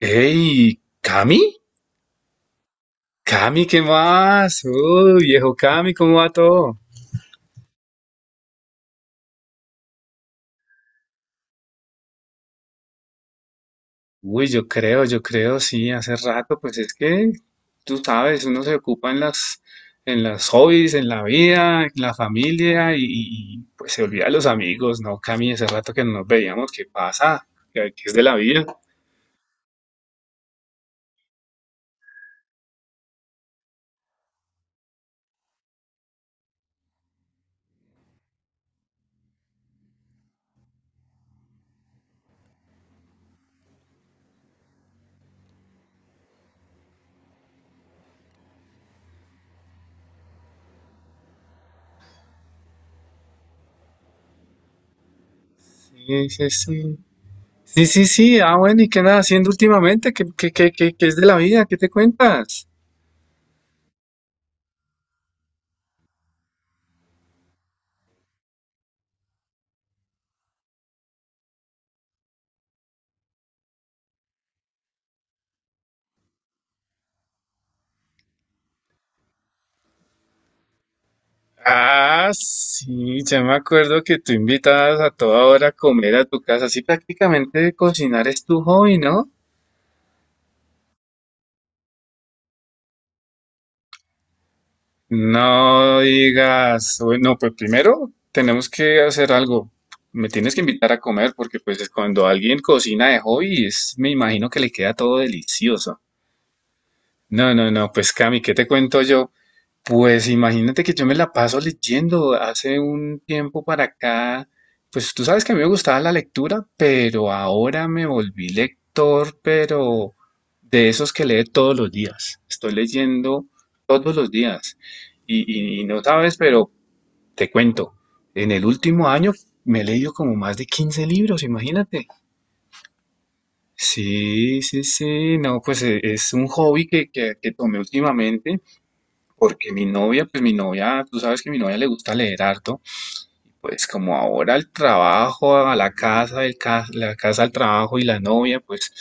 Hey, Cami, Cami, ¿qué más? Uy, viejo Cami, ¿cómo va todo? Uy, yo creo, sí, hace rato, pues es que tú sabes, uno se ocupa en las hobbies, en la vida, en la familia y, pues se olvida de los amigos, ¿no? Cami, hace rato que no nos veíamos, ¿qué pasa? ¿Qué es de la vida? Sí, sí, sí. Sí, sí, sí, ah, bueno, ¿y qué andas haciendo últimamente? ¿Qué es de la vida? ¿Qué te cuentas? Ah, sí, ya me acuerdo que tú invitabas a toda hora a comer a tu casa. Así prácticamente cocinar es tu hobby, ¿no? No digas, bueno, pues primero tenemos que hacer algo. Me tienes que invitar a comer porque pues cuando alguien cocina de hobby, es, me imagino que le queda todo delicioso. No, no, no, pues Cami, ¿qué te cuento yo? Pues imagínate que yo me la paso leyendo hace un tiempo para acá. Pues tú sabes que a mí me gustaba la lectura, pero ahora me volví lector, pero de esos que lee todos los días. Estoy leyendo todos los días. Y, y no sabes, pero te cuento, en el último año me he leído como más de 15 libros, imagínate. Sí, sí, sí, no, pues es un hobby que tomé últimamente porque mi novia, pues mi novia, tú sabes que a mi novia le gusta leer harto, pues como ahora el trabajo, a la casa, la casa al trabajo y la novia, pues,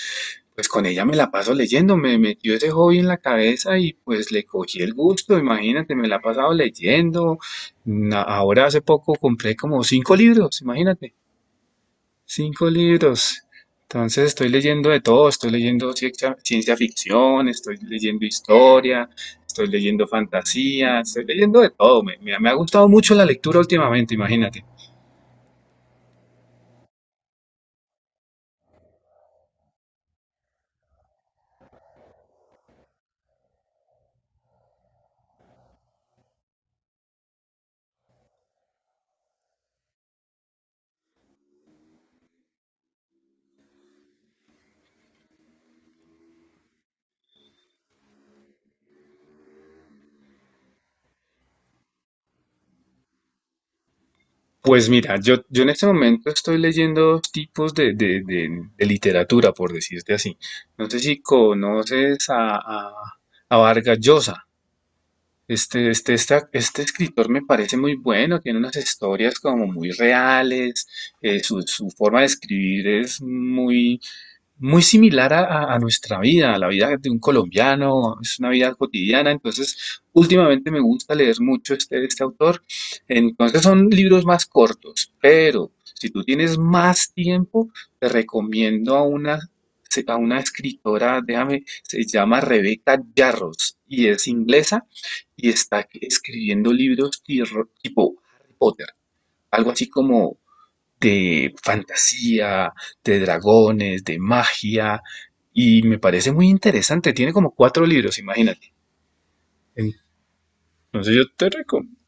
pues con ella me la paso leyendo, me metió ese hobby en la cabeza y pues le cogí el gusto, imagínate, me la he pasado leyendo. Ahora hace poco compré como cinco libros, imagínate. Cinco libros. Entonces estoy leyendo de todo, estoy leyendo ciencia, ciencia ficción, estoy leyendo historia, estoy leyendo fantasía, estoy leyendo de todo. Me ha gustado mucho la lectura últimamente, imagínate. Pues mira, yo en este momento estoy leyendo dos tipos de literatura, por decirte así. No sé si conoces a Vargas Llosa. Este escritor me parece muy bueno, tiene unas historias como muy reales, su forma de escribir es muy, muy similar a, a nuestra vida, a la vida de un colombiano, es una vida cotidiana. Entonces, últimamente me gusta leer mucho este autor. Entonces, son libros más cortos, pero si tú tienes más tiempo, te recomiendo a una, a una escritora, déjame, se llama Rebecca Yarros y es inglesa y está escribiendo libros tipo Harry Potter, algo así como de fantasía, de dragones, de magia, y me parece muy interesante. Tiene como cuatro libros, imagínate. Entonces yo te recomiendo.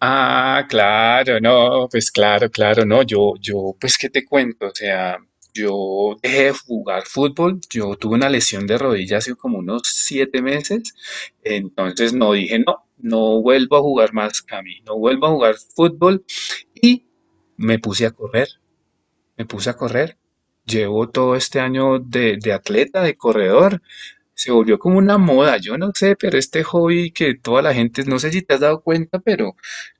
Ah, claro, no, pues claro, claro, no, yo, pues qué te cuento, o sea, yo dejé de jugar fútbol, yo tuve una lesión de rodilla hace como unos 7 meses, entonces no dije, no, no vuelvo a jugar más, Cami, no vuelvo a jugar fútbol y me puse a correr, me puse a correr. Llevo todo este año de atleta, de corredor. Se volvió como una moda, yo no sé, pero este hobby que toda la gente, no sé si te has dado cuenta, pero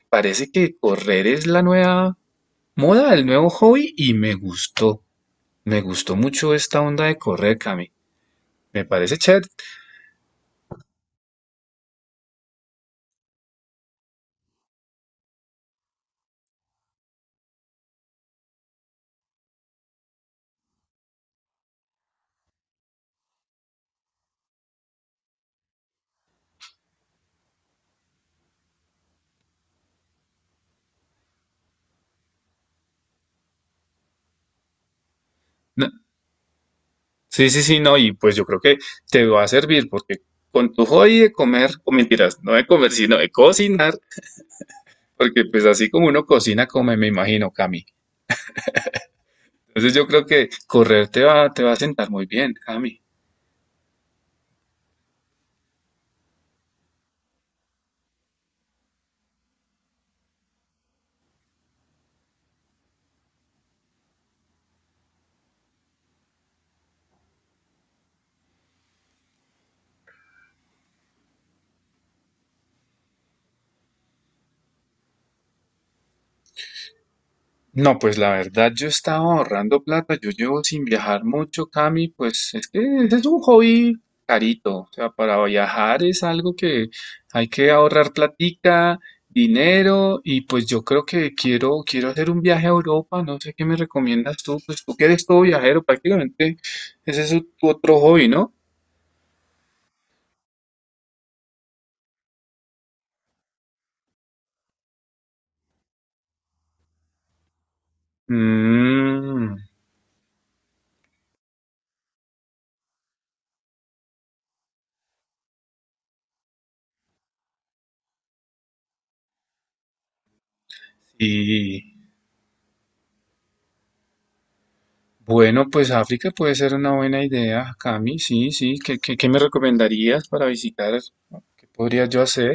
parece que correr es la nueva moda, el nuevo hobby y me gustó. Me gustó mucho esta onda de correr, Cami. Me parece chévere. No, sí, sí, sí, no, y pues yo creo que te va a servir porque con tu hobby de comer, o mentiras, no de comer, sino de cocinar, porque pues así como uno cocina, come, me imagino, Cami. Entonces yo creo que correr te va a sentar muy bien, Cami. No, pues la verdad yo estaba ahorrando plata, yo llevo sin viajar mucho, Cami, pues es que ese es un hobby carito, o sea, para viajar es algo que hay que ahorrar platica, dinero y pues yo creo que quiero hacer un viaje a Europa, no sé qué me recomiendas tú, pues tú que eres todo viajero prácticamente, ese es tu otro hobby, ¿no? Mmm, sí. Bueno, pues África puede ser una buena idea, Cami. Sí, sí. ¿Qué me recomendarías para visitar? ¿Qué podría yo hacer?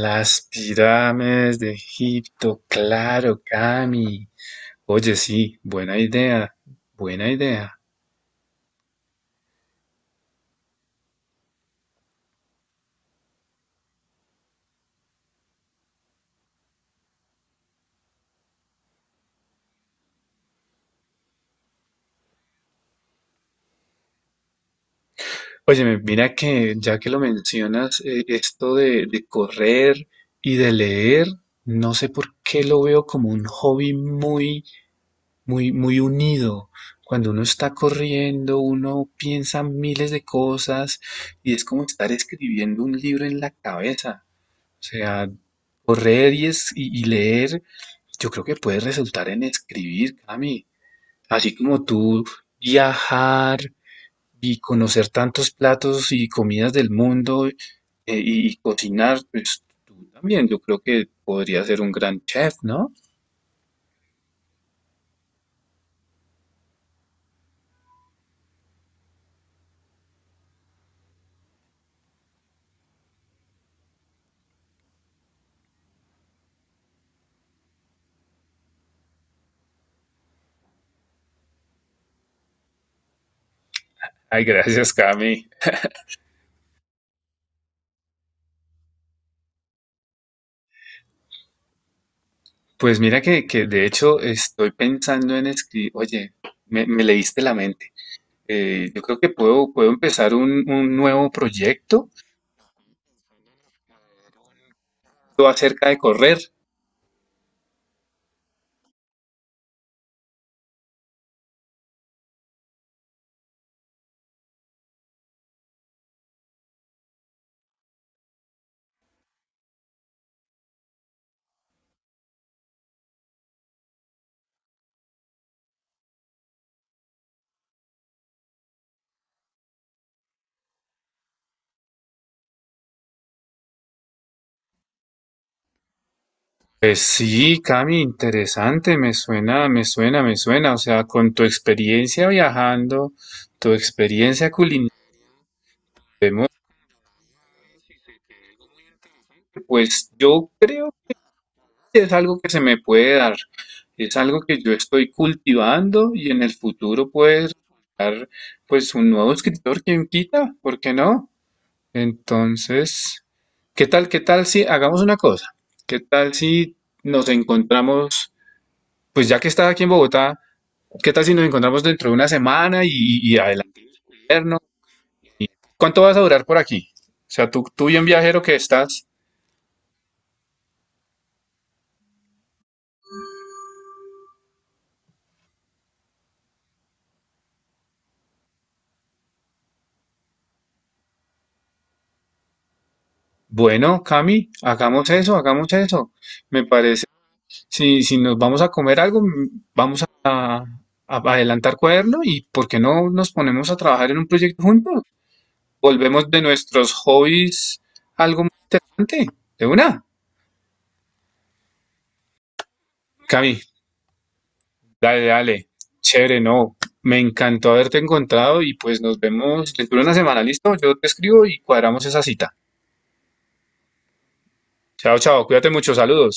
Las pirámides de Egipto, claro, Cami. Oye, sí, buena idea, buena idea. Oye, mira que ya que lo mencionas, esto de correr y de leer, no sé por qué lo veo como un hobby muy muy, muy unido. Cuando uno está corriendo, uno piensa miles de cosas y es como estar escribiendo un libro en la cabeza. O sea, correr y, y leer, yo creo que puede resultar en escribir, Cami. Así como tú viajar y conocer tantos platos y comidas del mundo y cocinar, pues tú también, yo creo que podría ser un gran chef, ¿no? Ay, gracias, Cami. Pues mira que de hecho estoy pensando en escribir, oye, me leíste la mente. Yo creo que puedo empezar un nuevo proyecto todo acerca de correr. Pues sí, Cami, interesante, me suena, me suena, me suena. O sea, con tu experiencia viajando, tu experiencia culinaria, pues yo es algo que se me puede dar, es algo que yo estoy cultivando y en el futuro puede resultar pues un nuevo escritor, quien quita, ¿por qué no? Entonces, qué tal si hagamos una cosa? ¿Qué tal si nos encontramos, pues ya que estás aquí en Bogotá, ¿qué tal si nos encontramos dentro de una semana y adelante? Vernos? ¿Cuánto vas a durar por aquí? O sea, tú bien viajero que estás. Bueno, Cami, hagamos eso, hagamos eso. Me parece si nos vamos a comer algo, mm, vamos a adelantar cuaderno y ¿por qué no nos ponemos a trabajar en un proyecto juntos? Volvemos de nuestros hobbies algo más interesante. De una, Cami, dale, dale. Chévere, no. Me encantó haberte encontrado y pues nos vemos dentro de una semana, ¿listo? Yo te escribo y cuadramos esa cita. Chao, chao, cuídate mucho, saludos.